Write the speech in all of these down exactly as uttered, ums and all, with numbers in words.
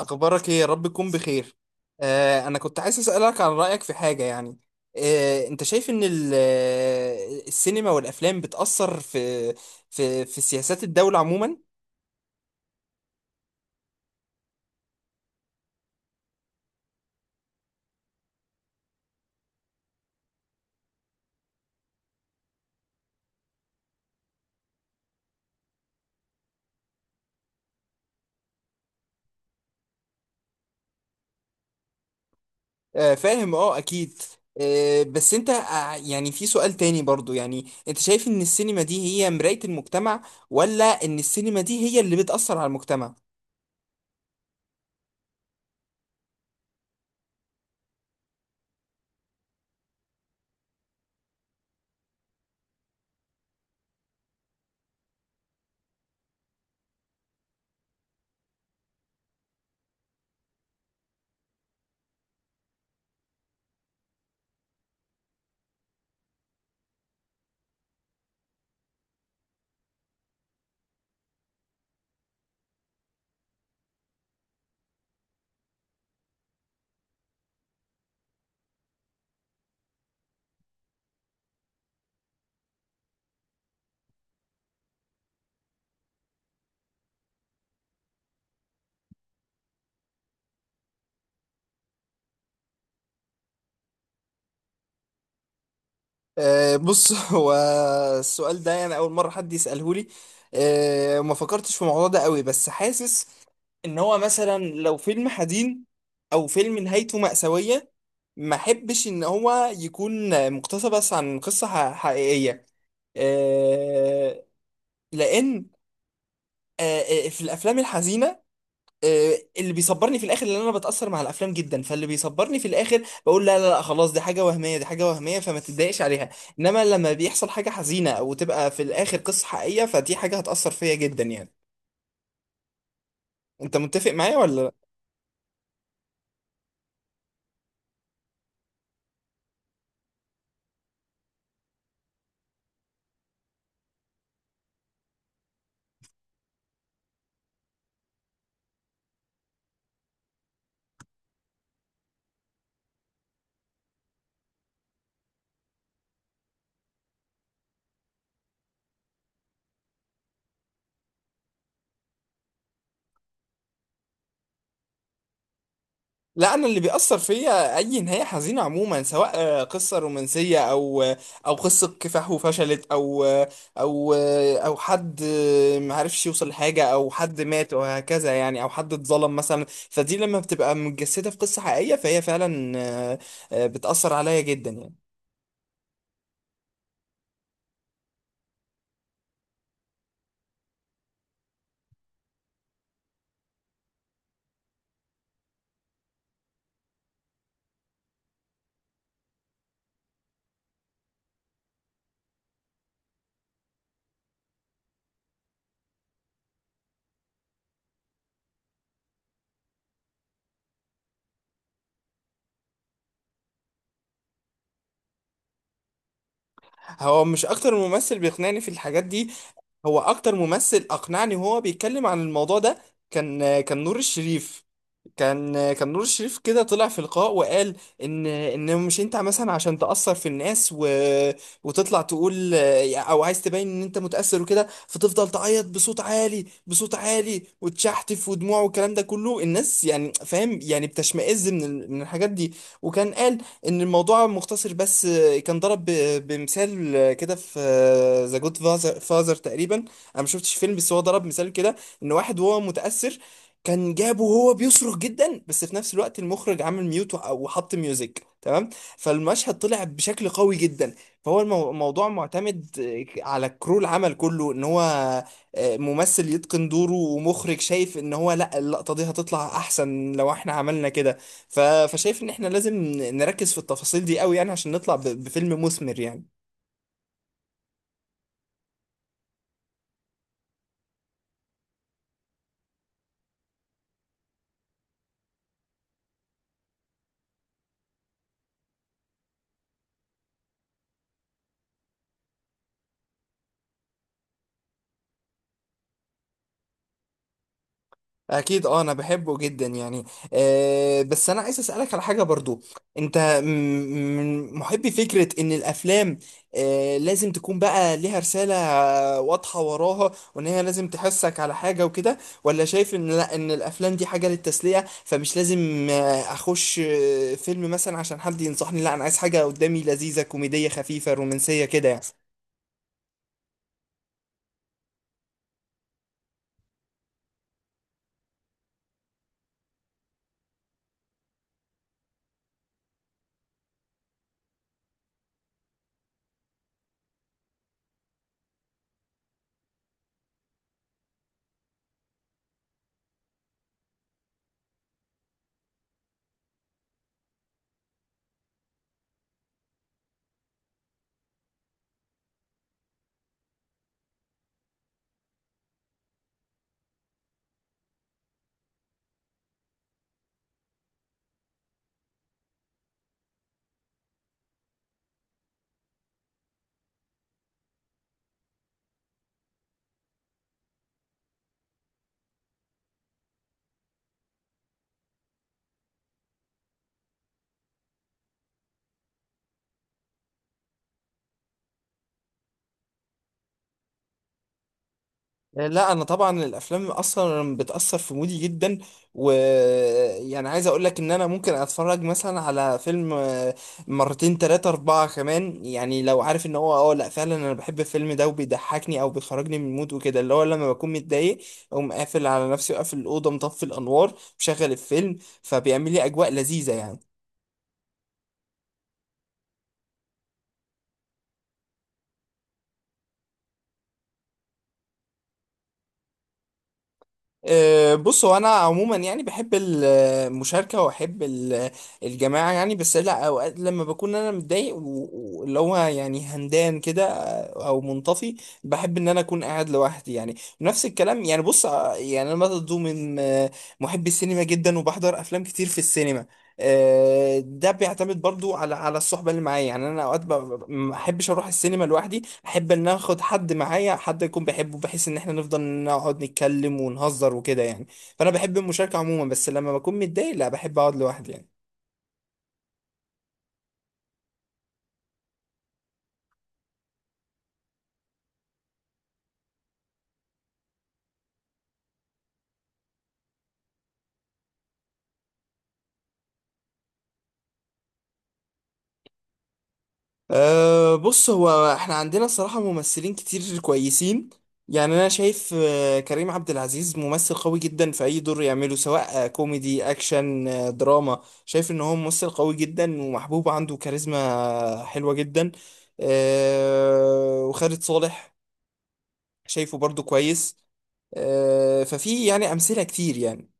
أخبارك إيه؟ يا رب تكون بخير. آه أنا كنت عايز أسألك عن رأيك في حاجة يعني. آه أنت شايف إن ال- آه، السينما والأفلام بتأثر في في في سياسات الدولة عموما؟ آه، فاهم أه أكيد. آه بس أنت، آه، يعني في سؤال تاني برضو، يعني أنت شايف إن السينما دي هي مراية المجتمع، ولا إن السينما دي هي اللي بتأثر على المجتمع؟ آه بص، هو السؤال ده يعني أول مرة حد يسأله لي. آه ما فكرتش في الموضوع ده قوي، بس حاسس ان هو مثلا لو فيلم حزين او فيلم نهايته مأساوية، ما احبش ان هو يكون مقتبس عن قصة ح- حقيقية، آه، لان آه، آه، في الافلام الحزينة، آه، اللي بيصبرني في الاخر، لان انا بتاثر مع الافلام جدا، فاللي بيصبرني في الاخر بقول لا لا لا، خلاص دي حاجه وهميه، دي حاجه وهميه، فما تتضايقش عليها. انما لما بيحصل حاجه حزينه وتبقى في الاخر قصه حقيقيه، فدي حاجه هتاثر فيا جدا يعني. انت متفق معايا ولا لا؟ لا، انا اللي بيأثر فيا اي نهاية حزينة عموما، سواء آه، قصة رومانسية، او آه، او قصة كفاح وفشلت، او آه، او آه، او حد آه، ما عرفش يوصل لحاجة، او حد مات وهكذا يعني، او حد اتظلم مثلا، فدي لما بتبقى متجسدة في قصة حقيقية فهي فعلا آه، آه، بتأثر عليا جدا يعني. هو مش اكتر ممثل بيقنعني في الحاجات دي، هو اكتر ممثل اقنعني وهو بيتكلم عن الموضوع ده كان آه، كان نور الشريف، كان كان نور الشريف كده طلع في لقاء وقال ان ان مش انت مثلا عشان تأثر في الناس و... وتطلع تقول، او عايز تبين ان انت متأثر وكده، فتفضل تعيط بصوت عالي بصوت عالي وتشحتف ودموع والكلام ده كله، الناس يعني فاهم يعني بتشمئز من ال- من الحاجات دي. وكان قال ان الموضوع مختصر بس، كان ضرب ب- بمثال كده في ذا جود فازر تقريبا، انا ما شفتش فيلم بس هو ضرب مثال كده ان واحد وهو متأثر كان جابه وهو بيصرخ جدا، بس في نفس الوقت المخرج عمل ميوت وح- وحط ميوزك تمام، فالمشهد طلع بشكل قوي جدا. فهو المو- الموضوع معتمد آه، على كرو العمل كله، ان هو آه، ممثل يتقن دوره ومخرج شايف ان هو لا، اللقطة دي هتطلع احسن لو احنا عملنا كده. ف- فشايف ان احنا لازم نركز في التفاصيل دي قوي يعني، عشان نطلع ب- بفيلم مثمر يعني. اكيد، اه انا بحبه جدا يعني. أه بس انا عايز اسالك على حاجه برضو. انت م- من محبي فكره ان الافلام أه لازم تكون بقى ليها رساله واضحه وراها، وان هي لازم تحسك على حاجه وكده، ولا شايف ان لا، ان الافلام دي حاجه للتسليه، فمش لازم آه، اخش آه، فيلم مثلا عشان حد ينصحني، لا انا عايز حاجه قدامي لذيذه كوميديه خفيفه رومانسيه كده يعني. آه، لا انا طبعا الافلام اصلا بتاثر في مودي جدا، ويعني عايز اقول لك ان انا ممكن اتفرج مثلا على فيلم آه، مرتين تلاتة اربعة كمان يعني، لو عارف ان هو اه لا فعلا انا بحب الفيلم ده وبيضحكني او بيخرجني من المود وكده، اللي هو لما بكون متضايق اقوم قافل على نفسي وقافل الاوضه مطفي الانوار مشغل الفيلم، فبيعمل لي اجواء لذيذه يعني. أه، بص هو انا عموما يعني بحب المشاركه واحب ال- الجماعه يعني. بس لا، اوقات لما بكون انا متضايق و- واللي هو يعني هندان كده او منطفي، بحب ان انا اكون قاعد لوحدي يعني. نفس الكلام يعني. بص، أه، يعني انا برضه من أه، محبي السينما جدا، وبحضر افلام كتير في السينما. آه، ده بيعتمد برضو على على الصحبه اللي معايا يعني. انا اوقات ب- ما احبش اروح السينما لوحدي، احب ان اخد حد معايا، حد يكون بحبه بحيث ان احنا نفضل نقعد نتكلم ونهزر وكده يعني. فانا بحب المشاركه عموما، بس لما بكون متضايق لا، بحب اقعد لوحدي يعني. أه بص، هو احنا عندنا الصراحة ممثلين كتير كويسين يعني. انا شايف آه، كريم عبد العزيز ممثل قوي جدا في اي دور يعمله، سواء آه، كوميدي اكشن آه، دراما، شايف ان هو ممثل قوي جدا ومحبوب، عنده كاريزما حلوة جدا. أه وخالد صالح شايفه برضو كويس. أه ففي يعني امثلة كتير يعني.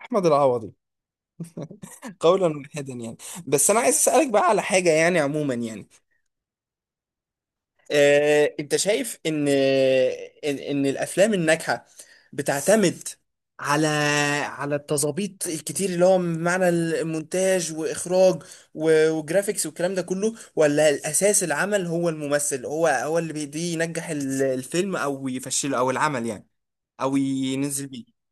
احمد العوضي قولا واحدا يعني. بس انا عايز اسالك بقى على حاجة يعني عموما يعني. آه، انت شايف ان ان ان الافلام الناجحه بتعتمد على على التظابيط الكتير، اللي هو معنى المونتاج واخراج و- وجرافيكس والكلام ده كله، ولا الاساس العمل هو الممثل، هو هو اللي بيدي ينجح ال- الفيلم او يفشله او العمل يعني، او ينزل بيه.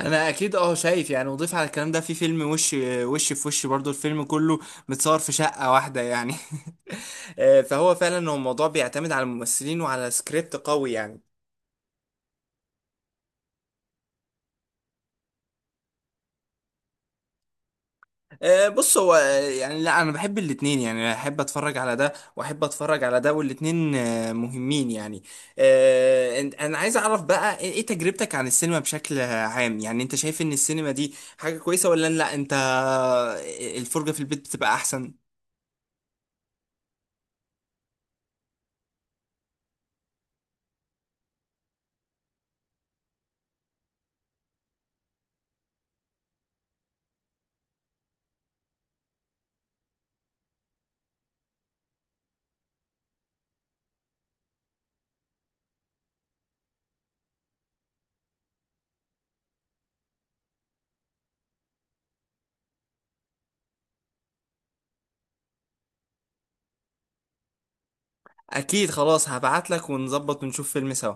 انا اكيد اه شايف يعني، وضيف على الكلام ده في فيلم وش، وش، في وش برضو الفيلم كله متصور في شقة واحدة يعني. آه، فهو فعلا هو الموضوع بيعتمد على الممثلين وعلى سكريبت قوي يعني. آه، بص هو، آه، يعني لا انا بحب الاتنين يعني، احب اتفرج على ده واحب اتفرج على ده، والاتنين آه، مهمين يعني. آه، أنت- انا عايز اعرف بقى ايه، إيه تجربتك عن السينما بشكل عام يعني. انت شايف ان السينما دي حاجة كويسة، ولا لا، انت آه، الفرجة في البيت بتبقى احسن؟ اكيد، خلاص هبعت لك ونظبط ونشوف فيلم سوا.